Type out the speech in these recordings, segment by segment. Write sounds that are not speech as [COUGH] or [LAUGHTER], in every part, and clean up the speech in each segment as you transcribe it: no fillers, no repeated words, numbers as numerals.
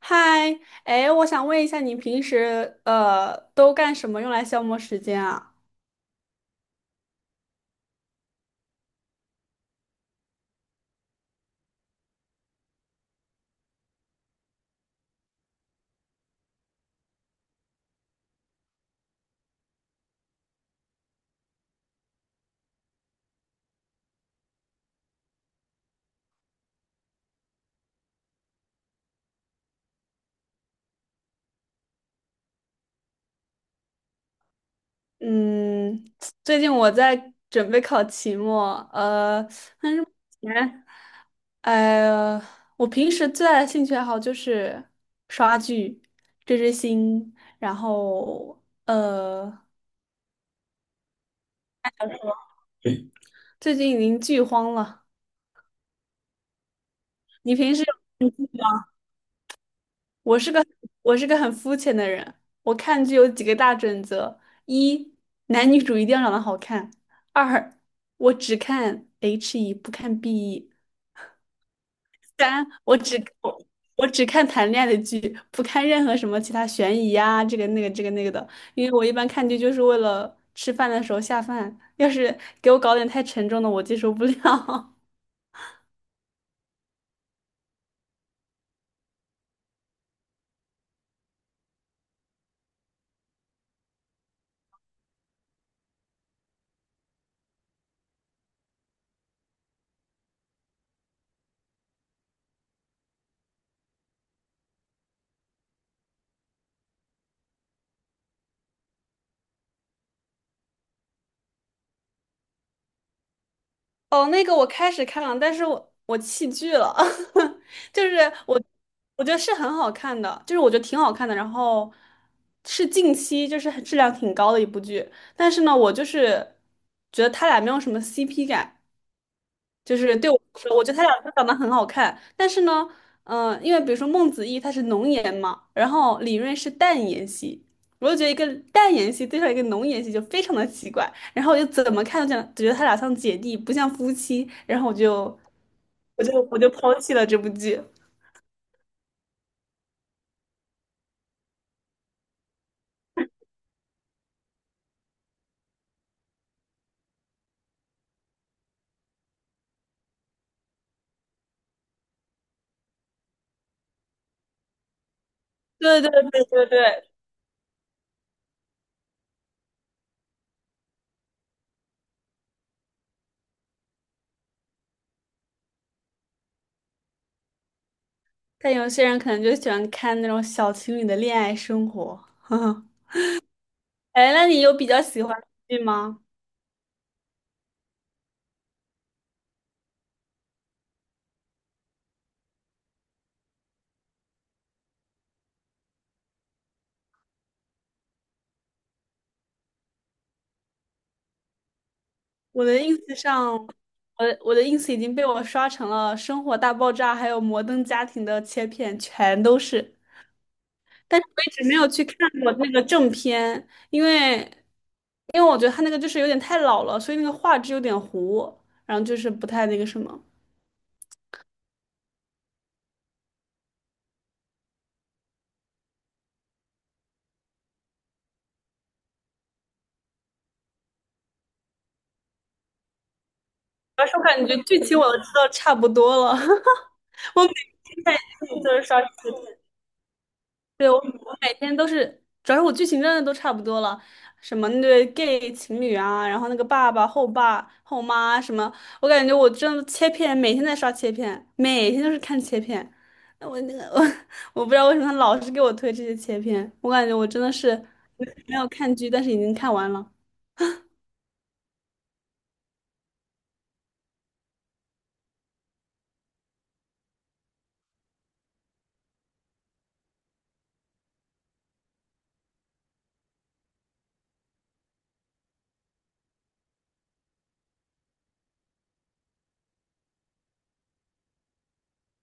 嗨。哎，我想问一下，你平时都干什么用来消磨时间啊？嗯，最近我在准备考期末，前呃，我平时最大的兴趣爱好就是刷剧、追追星，然后最近已经剧荒了。你平时我是个我是个很肤浅的人，我看剧有几个大准则：一，男女主一定要长得好看；二，我只看 HE 不看 BE;三，我我只看谈恋爱的剧，不看任何什么其他悬疑啊，这个那个这个那个的，因为我一般看剧就是为了吃饭的时候下饭，要是给我搞点太沉重的，我接受不了。[LAUGHS] 哦，那个我开始看了，但是我弃剧了。[LAUGHS] 就是我我觉得是很好看的，就是我觉得挺好看的，然后是近期就是很质量挺高的一部剧，但是呢，我就是觉得他俩没有什么 CP 感，就是对我来说，我觉得他俩都长得很好看，但是呢，嗯、因为比如说孟子义他是浓颜嘛，然后李锐是淡颜系，我就觉得一个淡颜系对上一个浓颜系就非常的奇怪，然后我就怎么看都这觉得他俩像姐弟，不像夫妻，然后我就抛弃了这部剧。对对对对对，但有些人可能就喜欢看那种小情侣的恋爱生活，[LAUGHS] 呵呵。哎，那你有比较喜欢的剧吗？我的 ins 上，我的 ins 已经被我刷成了《生活大爆炸》还有《摩登家庭》的切片，全都是。但是我一直没有去看过那个正片，因为我觉得他那个就是有点太老了，所以那个画质有点糊，然后就是不太那个什么。主要是我感觉剧情我都知道差不多了，[LAUGHS] 我每天在就是刷视频。每天都是，主要是我剧情真的都差不多了，什么那对 gay 情侣啊，然后那个爸爸、后爸、后妈什么，我感觉我真的切片，每天在刷切片，每天都是看切片。那我那个 [LAUGHS] 我不知道为什么他老是给我推这些切片，我感觉我真的是没有看剧，但是已经看完了。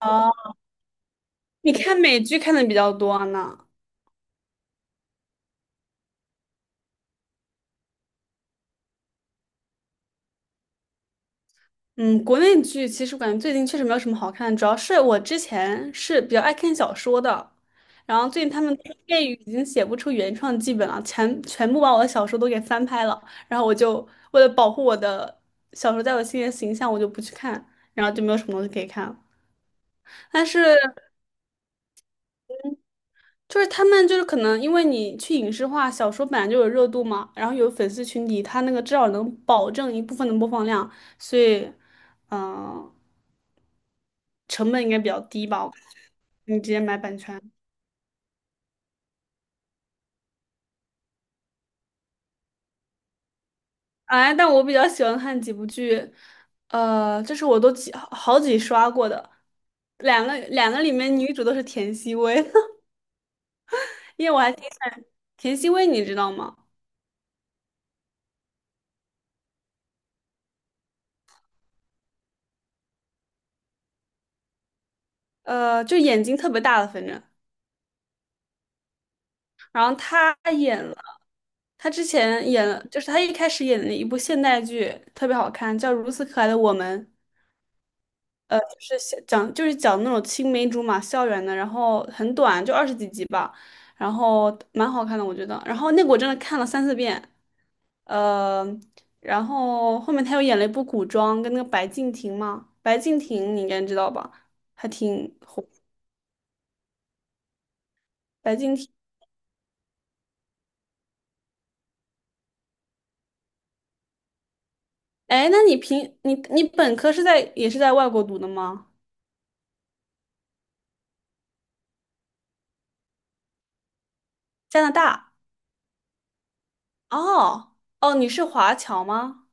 哦，你看美剧看的比较多呢？嗯，国内剧其实我感觉最近确实没有什么好看的，主要是我之前是比较爱看小说的，然后最近他们出电影已经写不出原创剧本了，全部把我的小说都给翻拍了，然后我就为了保护我的小说在我心里的形象，我就不去看，然后就没有什么东西可以看了。但是就是他们就是可能因为你去影视化，小说本来就有热度嘛，然后有粉丝群体，他那个至少能保证一部分的播放量，所以嗯、呃成本应该比较低吧。你直接买版权。哎，但我比较喜欢看几部剧，呃，这是我都几刷过的，两个里面女主都是田曦薇，[LAUGHS] 因为我还挺喜欢田曦薇，你知道吗？呃，就眼睛特别大的，反正，然后她之前演了，就是她一开始演的一部现代剧，特别好看，叫《如此可爱的我们》，就是讲那种青梅竹马校园的，然后很短，就二十几集吧，然后蛮好看的，我觉得。然后那个我真的看了三四遍，呃，然后后面他又演了一部古装，跟那个白敬亭嘛，白敬亭你应该知道吧，还挺火。白敬亭，哎，那你平你你本科是在也是在外国读的吗？加拿大？哦哦，你是华侨吗？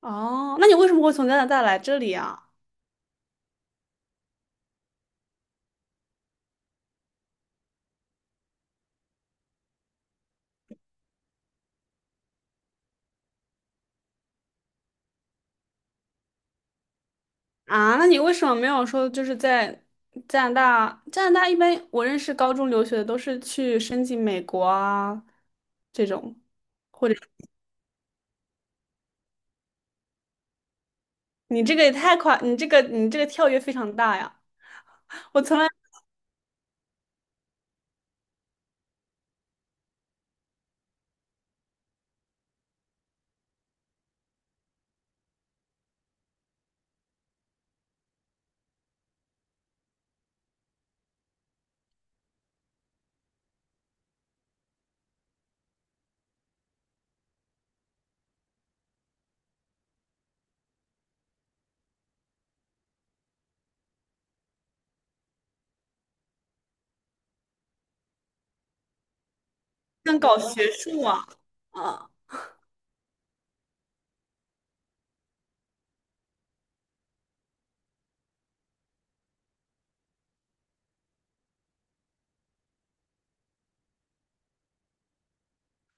哦，那你为什么会从加拿大来这里啊？啊，那你为什么没有说就是在加拿大？加拿大一般我认识高中留学的都是去申请美国啊这种。你这个也太快，你这个跳跃非常大呀！我从来不想搞学术啊。啊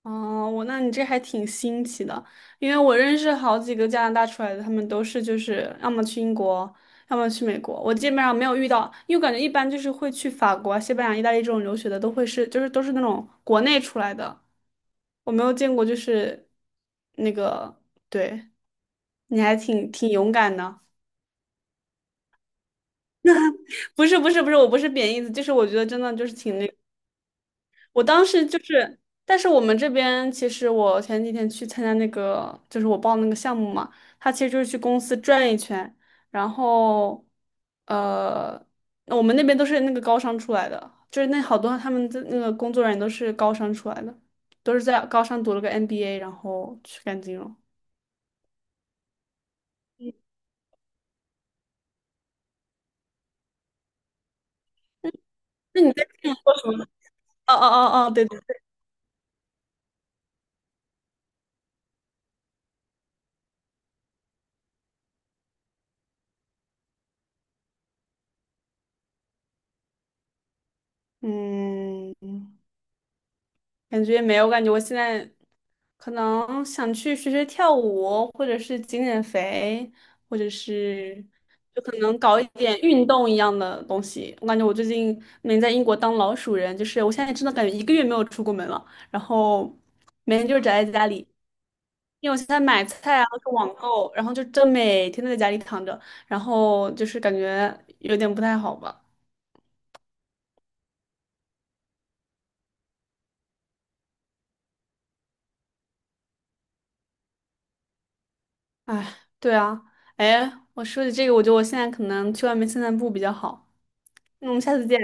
哦，我那你这还挺新奇的，因为我认识好几个加拿大出来的，他们都是就是要么去英国，要么去美国。我基本上没有遇到，因为我感觉一般就是会去法国啊、西班牙、意大利这种留学的，都会是就是都是那种国内出来的，我没有见过就是那个，对，你还挺勇敢的。不是不是不是，我不是贬义词，就是我觉得真的就是挺那。我当时就是，但是我们这边其实我前几天去参加那个，就是我报那个项目嘛，他其实就是去公司转一圈，然后呃，我们那边都是那个高商出来的，就是那好多他们的那个工作人员都是高商出来的，都是在高商读了个 MBA,然后去干金融。那你在什么？哦哦哦哦，对对，嗯，感觉没有，我感觉我现在可能想去学学跳舞，或者是减减肥，或者是就可能搞一点运动一样的东西。我感觉我最近没在英国当老鼠人，就是我现在真的感觉1个月没有出过门了，然后每天就是宅在家里，因为我现在买菜啊，是网购，然后就真每天都在家里躺着，然后就是感觉有点不太好吧。哎，对啊，哎，我说起这个，我觉得我现在可能去外面散散步比较好。嗯，下次见。